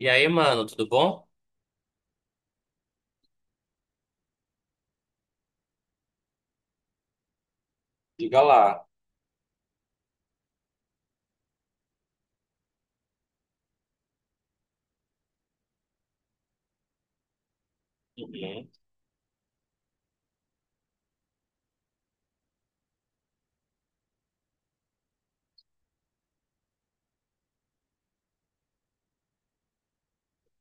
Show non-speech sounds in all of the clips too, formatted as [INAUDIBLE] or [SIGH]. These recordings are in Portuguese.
E aí, mano, tudo bom? Diga lá. Uhum,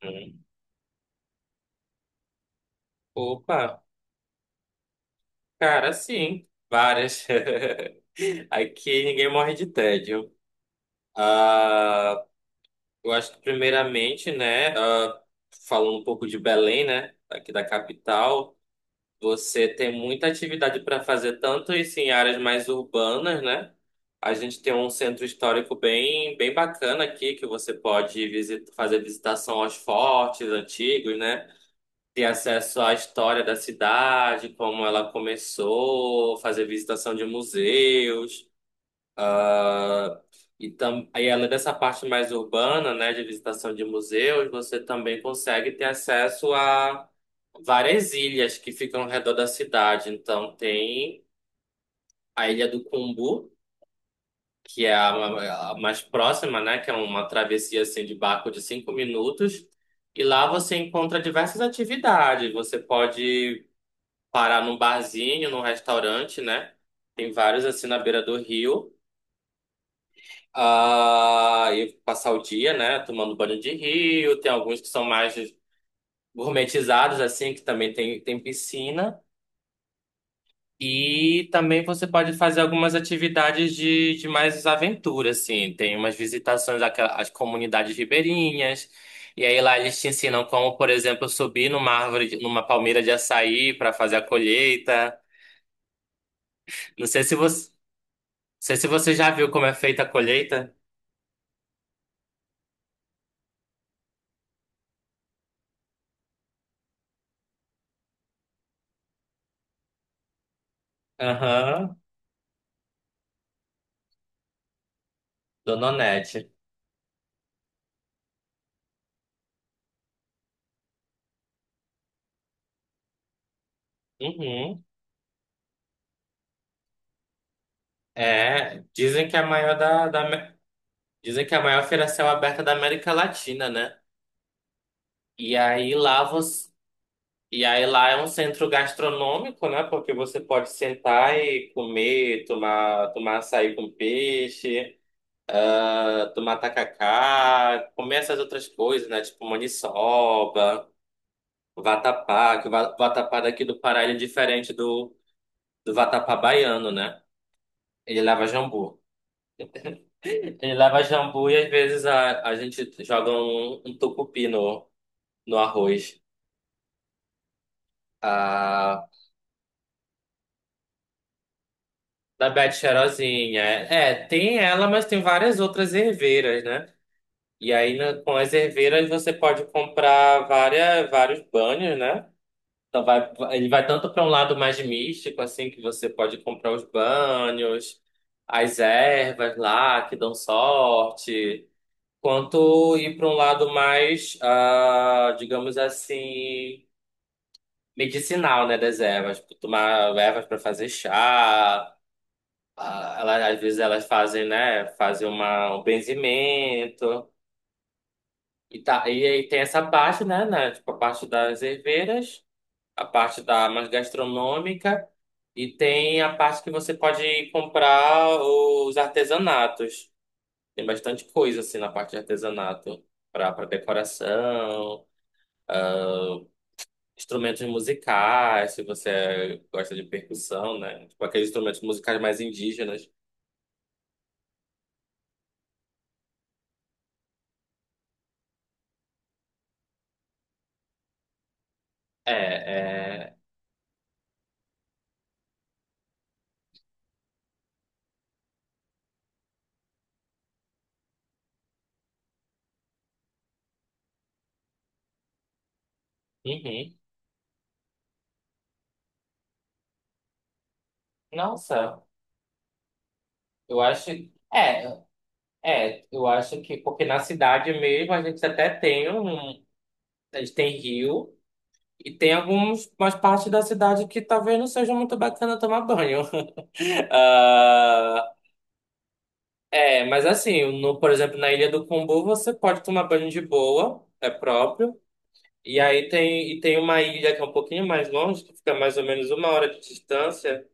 uhum. Opa, cara, sim, várias. [LAUGHS] Aqui ninguém morre de tédio. Ah, eu acho que primeiramente, né, falando um pouco de Belém, né, aqui da capital, você tem muita atividade para fazer, tanto isso em áreas mais urbanas, né? A gente tem um centro histórico bem bacana aqui que você pode visit fazer visitação aos fortes antigos, né? Ter acesso à história da cidade, como ela começou, fazer visitação de museus, ah, aí além dessa parte mais urbana, né, de visitação de museus, você também consegue ter acesso a várias ilhas que ficam ao redor da cidade. Então tem a Ilha do Cumbu, que é a mais próxima, né, que é uma travessia assim de barco de cinco minutos. E lá você encontra diversas atividades. Você pode parar num barzinho, num restaurante, né? Tem vários assim na beira do rio. Ah, e passar o dia, né? Tomando banho de rio. Tem alguns que são mais gourmetizados, assim, que também tem piscina. E também você pode fazer algumas atividades de mais aventura, assim. Tem umas às comunidades ribeirinhas. E aí lá eles te ensinam como, por exemplo, subir numa árvore, numa palmeira de açaí para fazer a colheita. Não sei se você Sei se você já viu como é feita a colheita. Aham, Dona Onete. Uhum. É, dizem que é a maior feira a céu aberta da América Latina, né? E aí lá você, e aí lá é um centro gastronômico, né? Porque você pode sentar e comer, tomar açaí com peixe, tomar tacacá, comer essas outras coisas, né? Tipo maniçoba, vatapá, que o vatapá daqui do Pará ele é diferente do vatapá baiano, né? Ele leva jambu. Ele leva jambu e às vezes a gente joga um tucupi no arroz. A, Da Bete Cheirosinha. É, tem ela, mas tem várias outras erveiras, né? E aí com as erveiras você pode comprar vários banhos, né? Então vai, ele vai tanto para um lado mais místico, assim, que você pode comprar os banhos, as ervas lá que dão sorte, quanto ir para um lado mais, digamos assim, medicinal, né, das ervas. Tipo, tomar ervas para fazer chá, às vezes elas fazem, né, fazem um benzimento e tá, e aí tem essa parte, né, tipo a parte das herveiras, a parte da mais gastronômica e tem a parte que você pode comprar os artesanatos. Tem bastante coisa assim na parte de artesanato para decoração. Instrumentos musicais, se você gosta de percussão, né? Tipo aqueles instrumentos musicais mais indígenas. É, é. Uhum. Nossa, eu acho. É, É, eu acho que porque na cidade mesmo a gente até tem um. A gente tem rio e tem algumas umas partes da cidade que talvez não seja muito bacana tomar banho. [LAUGHS] Ah, é, mas assim, no, por exemplo, na Ilha do Combu você pode tomar banho de boa, é próprio. E tem uma ilha que é um pouquinho mais longe, que fica mais ou menos uma hora de distância,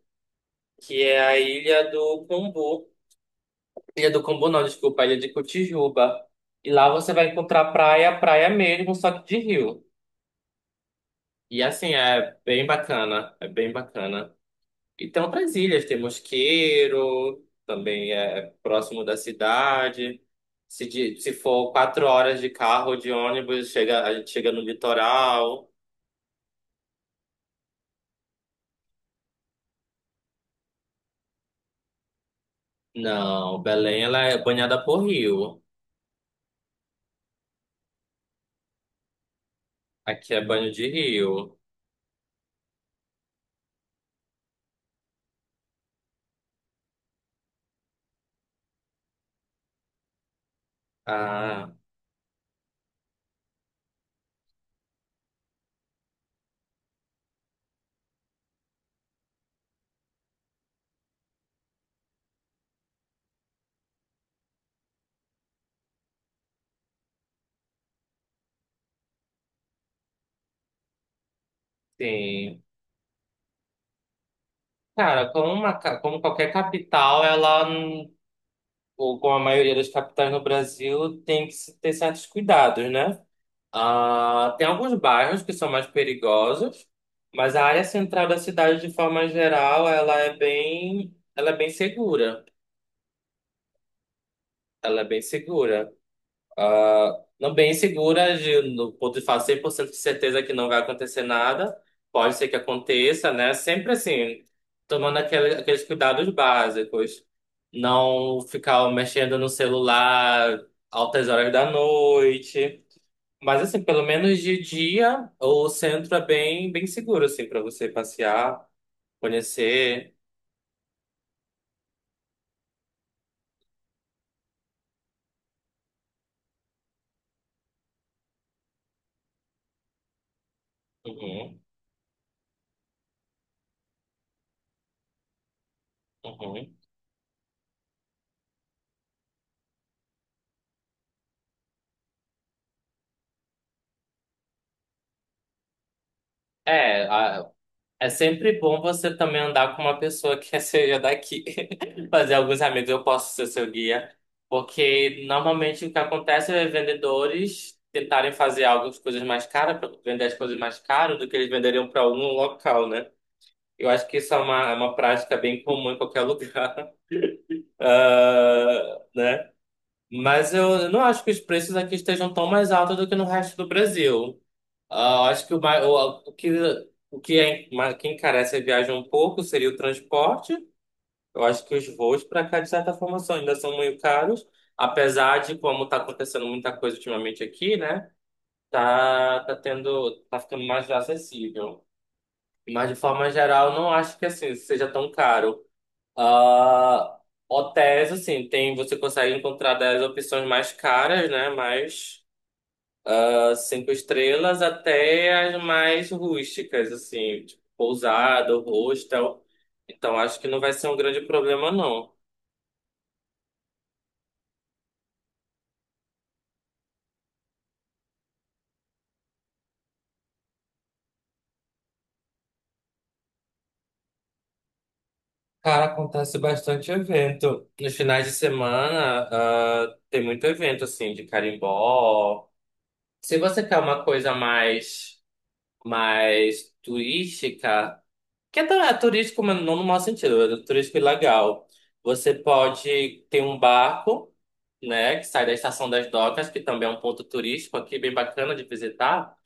que é a Ilha do Combu. Ilha do Combu não, desculpa, a Ilha de Cotijuba. E lá você vai encontrar praia mesmo, só que de rio. E assim, é bem bacana. E tem outras ilhas, tem Mosqueiro, também é próximo da cidade. Se for quatro horas de carro ou de ônibus, a gente chega no litoral. Não, Belém ela é banhada por rio. Aqui é banho de rio. Ah, sim. Cara, como qualquer capital, ou como a maioria das capitais no Brasil, tem que se ter certos cuidados, né? Tem alguns bairros que são mais perigosos, mas a área central da cidade, de forma geral, ela é bem segura. Ela é bem segura. Ah, não bem segura, no ponto de falar 100% de certeza que não vai acontecer nada. Pode ser que aconteça, né? Sempre assim, aqueles cuidados básicos. Não ficar mexendo no celular altas horas da noite. Mas assim, pelo menos de dia, o centro é bem seguro, assim, para você passear, conhecer. Uhum, uhum. É, É sempre bom você também andar com uma pessoa que [LAUGHS] seja daqui, [LAUGHS] fazer alguns amigos, eu posso ser seu guia, porque normalmente o que acontece é vendedores tentarem fazer algumas coisas mais caras, vender as coisas mais caras do que eles venderiam para algum local, né? Eu acho que isso é é uma prática bem comum em qualquer lugar. [LAUGHS] Ah, né? Mas eu não acho que os preços aqui estejam tão mais altos do que no resto do Brasil. Ah, eu acho que o, mai- o que, o que, é, mas que encarece a viagem um pouco seria o transporte. Eu acho que os voos para cá, de certa forma, ainda são muito caros. Apesar de, como está acontecendo muita coisa ultimamente aqui, né? Tá tendo, tá ficando mais acessível. Mas, de forma geral, não acho que assim seja tão caro. Ah, hotéis, assim, tem, você consegue encontrar das opções mais caras, né? Mas as cinco estrelas até as mais rústicas, assim, tipo, pousada, hostel. Então, acho que não vai ser um grande problema, não. Cara, acontece bastante evento. Nos finais de semana, tem muito evento, assim, de carimbó. Se você quer uma coisa mais turística. É turístico, mas não no mau sentido, é turístico ilegal. Você pode ter um barco, né, que sai da Estação das Docas, que também é um ponto turístico aqui, bem bacana de visitar.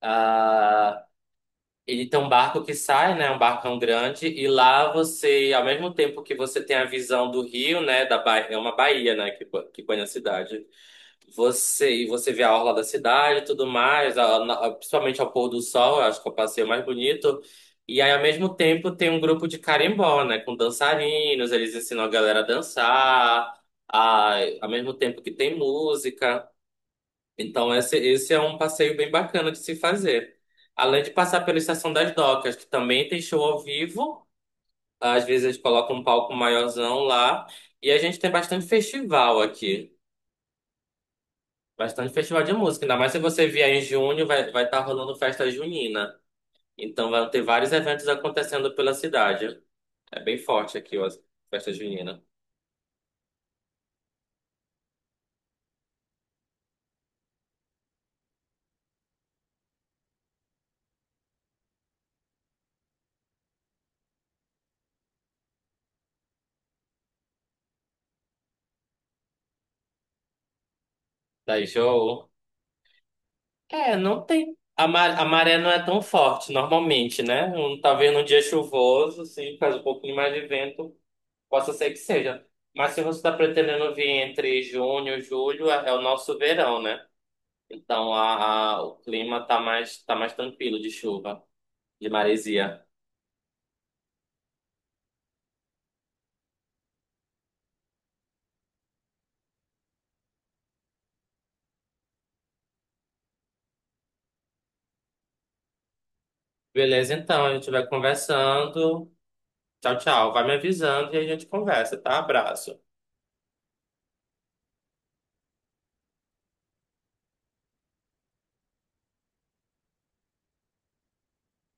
Ah, ele tem um barco que sai, né, um barcão grande, e lá você, ao mesmo tempo que você tem a visão do rio, né, da Bahia, é uma baía, né, que banha a cidade. E você vê a orla da cidade e tudo mais, principalmente ao pôr do sol, eu acho que é o passeio mais bonito. E aí, ao mesmo tempo, tem um grupo de carimbó, né? Com dançarinos, eles ensinam a galera a dançar, ao mesmo tempo que tem música. Então, esse é um passeio bem bacana de se fazer. Além de passar pela Estação das Docas, que também tem show ao vivo. Às vezes, eles colocam um palco maiorzão lá. E a gente tem bastante festival aqui. Bastante festival de música. Ainda mais se você vier em junho, vai estar rolando festa junina. Então vai ter vários eventos acontecendo pela cidade. É bem forte aqui, ó, as festa junina. Daí show. É, não tem. A maré não é tão forte normalmente, né? Um, talvez num dia chuvoso, se faz um pouquinho mais de vento, possa ser que seja. Mas se você está pretendendo vir entre junho e julho, é o nosso verão, né? Então o clima tá mais tranquilo de chuva, de maresia. Beleza, então, a gente vai conversando. Tchau, tchau. Vai me avisando e a gente conversa, tá? Abraço.